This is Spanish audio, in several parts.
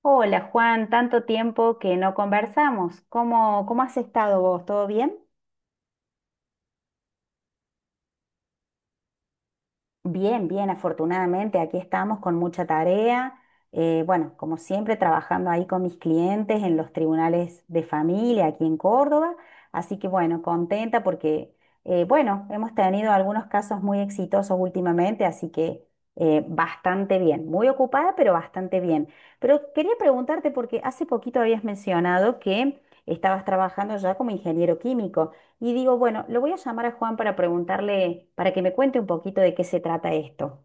Hola Juan, tanto tiempo que no conversamos. ¿Cómo has estado vos? ¿Todo bien? Bien, bien, afortunadamente aquí estamos con mucha tarea. Bueno, como siempre, trabajando ahí con mis clientes en los tribunales de familia aquí en Córdoba. Así que bueno, contenta porque, bueno, hemos tenido algunos casos muy exitosos últimamente, así que bastante bien. Muy ocupada, pero bastante bien. Pero quería preguntarte porque hace poquito habías mencionado que estabas trabajando ya como ingeniero químico. Y digo, bueno, lo voy a llamar a Juan para preguntarle, para que me cuente un poquito de qué se trata esto.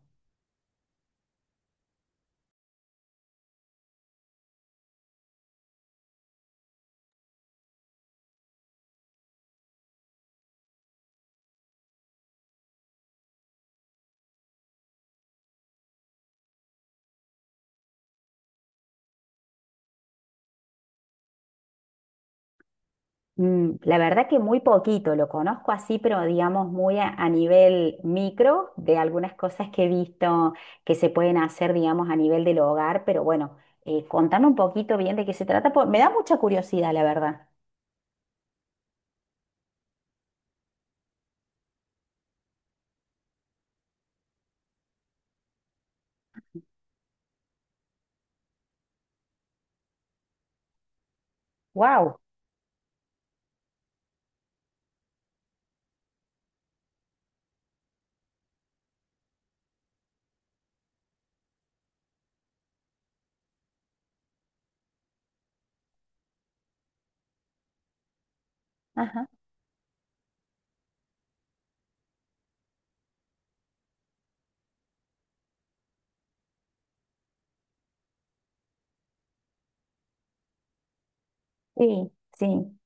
Mm, la verdad que muy poquito, lo conozco así, pero digamos muy a nivel micro de algunas cosas que he visto que se pueden hacer, digamos, a nivel del hogar, pero bueno, contame un poquito bien de qué se trata, porque me da mucha curiosidad, la verdad. Wow. Ajá. Sí, sí.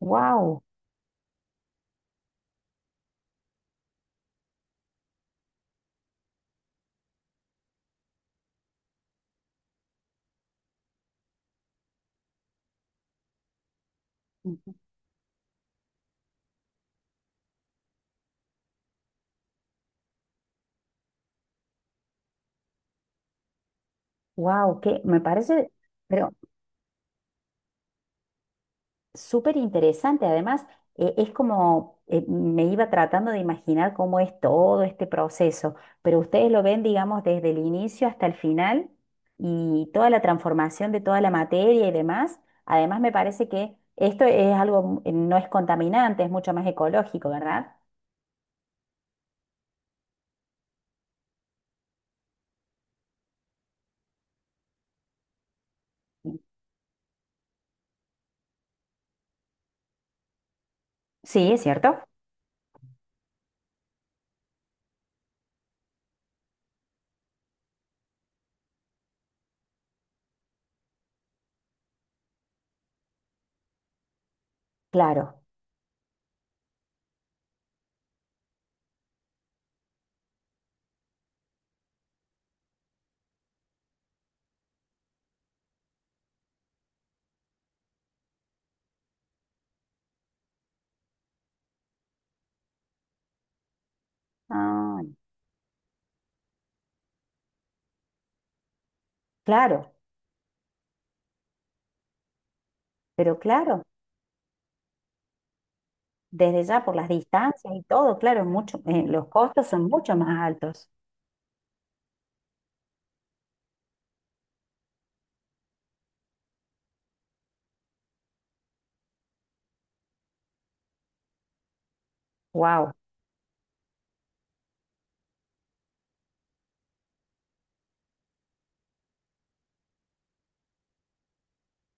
Wow. Wow, que me parece, pero súper interesante, además, es como me iba tratando de imaginar cómo es todo este proceso, pero ustedes lo ven, digamos, desde el inicio hasta el final y toda la transformación de toda la materia y demás. Además, me parece que esto es algo, no es contaminante, es mucho más ecológico, ¿verdad? Sí, es cierto. Claro. Ah, claro, pero claro, desde ya por las distancias y todo, claro, es mucho, los costos son mucho más altos. Wow,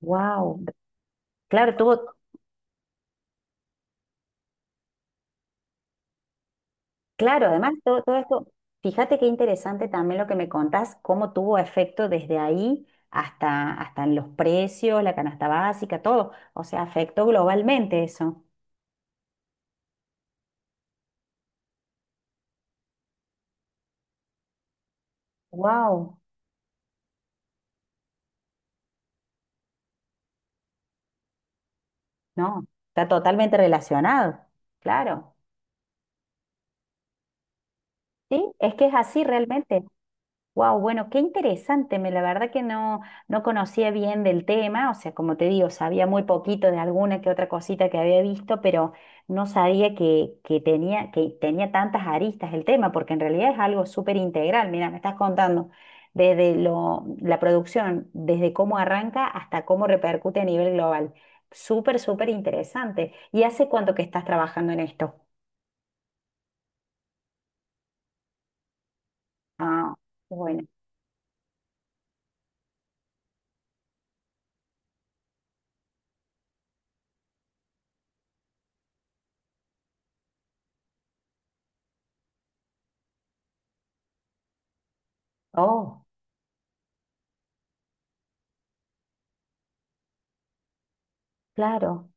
wow. Claro, tuvo, claro, además todo, todo esto, fíjate qué interesante también lo que me contás, cómo tuvo efecto desde ahí hasta, hasta en los precios, la canasta básica, todo. O sea, afectó globalmente eso. Wow, no, está totalmente relacionado. Claro. Sí, es que es así realmente. Wow, bueno, qué interesante. Me, la verdad que no, no conocía bien del tema, o sea, como te digo, sabía muy poquito de alguna que otra cosita que había visto, pero no sabía que, que tenía tantas aristas el tema, porque en realidad es algo súper integral. Mira, me estás contando desde lo, la producción, desde cómo arranca hasta cómo repercute a nivel global. Súper, súper interesante. ¿Y hace cuánto que estás trabajando en esto? Ah, bueno. Oh, claro.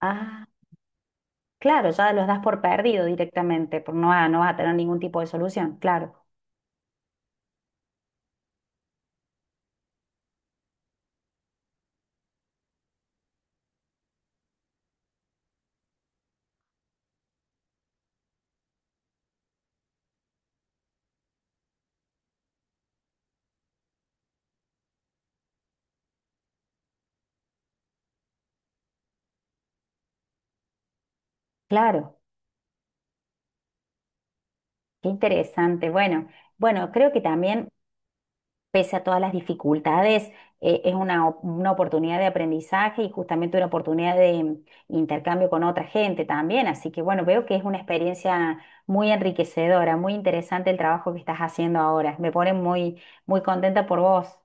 Ah. Claro, ya los das por perdido directamente, por no, va- no vas a tener ningún tipo de solución. Claro, claro, qué interesante. Bueno, bueno, creo que también, pese a todas las dificultades, es una, op- una oportunidad de aprendizaje y justamente una oportunidad de mm, intercambio con otra gente también. Así que bueno, veo que es una experiencia muy enriquecedora, muy interesante el trabajo que estás haciendo ahora. Me pone muy, muy contenta por vos.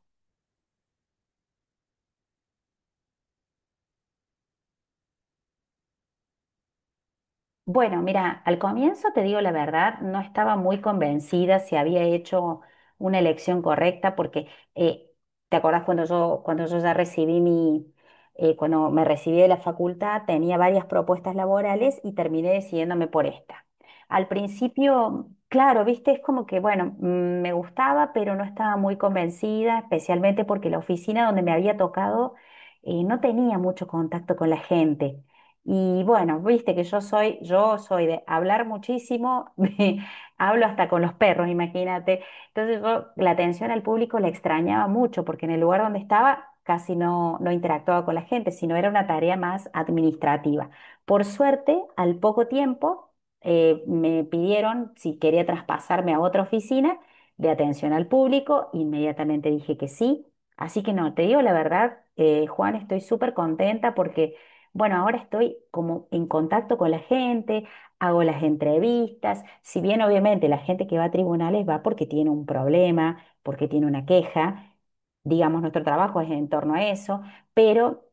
Bueno, mira, al comienzo te digo la verdad, no estaba muy convencida si había hecho una elección correcta, porque eh, te acordás cuando yo ya recibí mi, cuando me recibí de la facultad, tenía varias propuestas laborales y terminé decidiéndome por esta. Al principio, claro, viste, es como que, bueno, mm, me gustaba, pero no estaba muy convencida, especialmente porque la oficina donde me había tocado no tenía mucho contacto con la gente. Y bueno, viste que yo soy de hablar muchísimo, de- hablo hasta con los perros, imagínate. Entonces yo la atención al público la extrañaba mucho porque en el lugar donde estaba casi no, no interactuaba con la gente, sino era una tarea más administrativa. Por suerte, al poco tiempo me pidieron si quería traspasarme a otra oficina de atención al público, inmediatamente dije que sí. Así que no, te digo la verdad, Juan, estoy súper contenta porque... Bueno, ahora estoy como en contacto con la gente, hago las entrevistas, si bien obviamente la gente que va a tribunales va porque tiene un problema, porque tiene una queja, digamos, nuestro trabajo es en torno a eso, pero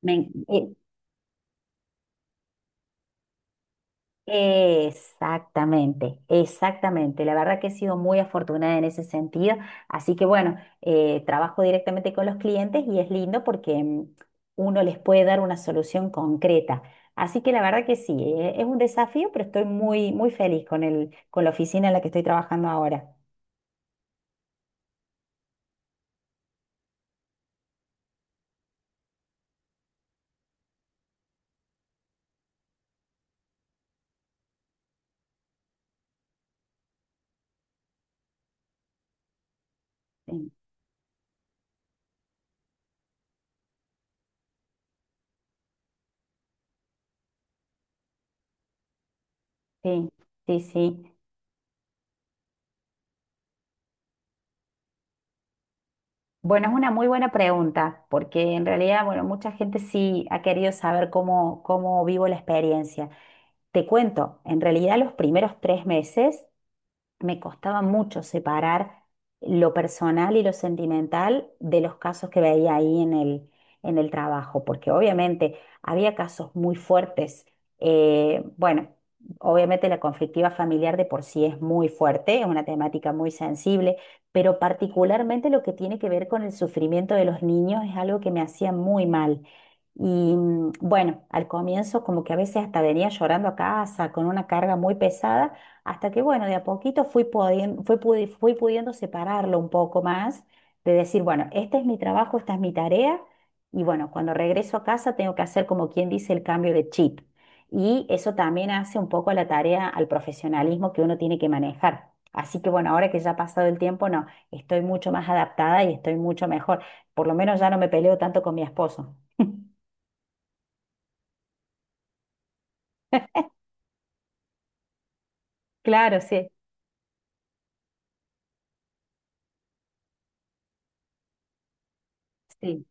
me, en- eh, exactamente, exactamente. La verdad que he sido muy afortunada en ese sentido. Así que bueno, trabajo directamente con los clientes y es lindo porque mm, uno les puede dar una solución concreta. Así que la verdad que sí, es un desafío, pero estoy muy, muy feliz con el, con la oficina en la que estoy trabajando ahora. Sí, sí, sí. Sí. Bueno, es una muy buena pregunta, porque en realidad, bueno, mucha gente sí ha querido saber cómo, cómo vivo la experiencia. Te cuento, en realidad los primeros tres meses me costaba mucho separar lo personal y lo sentimental de los casos que veía ahí en el trabajo, porque obviamente había casos muy fuertes. Bueno, obviamente la conflictiva familiar de por sí es muy fuerte, es una temática muy sensible, pero particularmente lo que tiene que ver con el sufrimiento de los niños es algo que me hacía muy mal. Y mm, bueno, al comienzo como que a veces hasta venía llorando a casa con una carga muy pesada hasta que, bueno, de a poquito fui pudiendo separarlo un poco más, de decir, bueno, este es mi trabajo, esta es mi tarea, y bueno, cuando regreso a casa tengo que hacer como quien dice el cambio de chip. Y eso también hace un poco a la tarea, al profesionalismo que uno tiene que manejar. Así que bueno, ahora que ya ha pasado el tiempo, no, estoy mucho más adaptada y estoy mucho mejor. Por lo menos ya no me peleo tanto con mi esposo. Claro, sí, sí,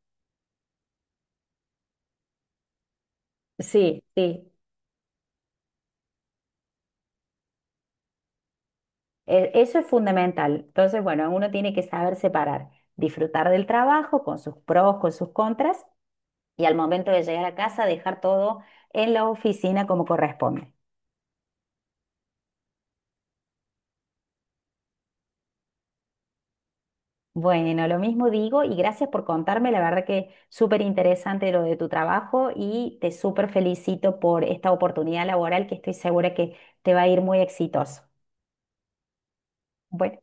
sí, sí. Eso es fundamental. Entonces, bueno, uno tiene que saber separar, disfrutar del trabajo con sus pros, con sus contras y al momento de llegar a casa dejar todo en la oficina como corresponde. Bueno, lo mismo digo y gracias por contarme. La verdad que súper interesante lo de tu trabajo y te súper felicito por esta oportunidad laboral que estoy segura que te va a ir muy exitoso. Bueno,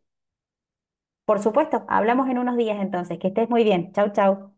por supuesto, hablamos en unos días entonces. Que estés muy bien. Chau, chau.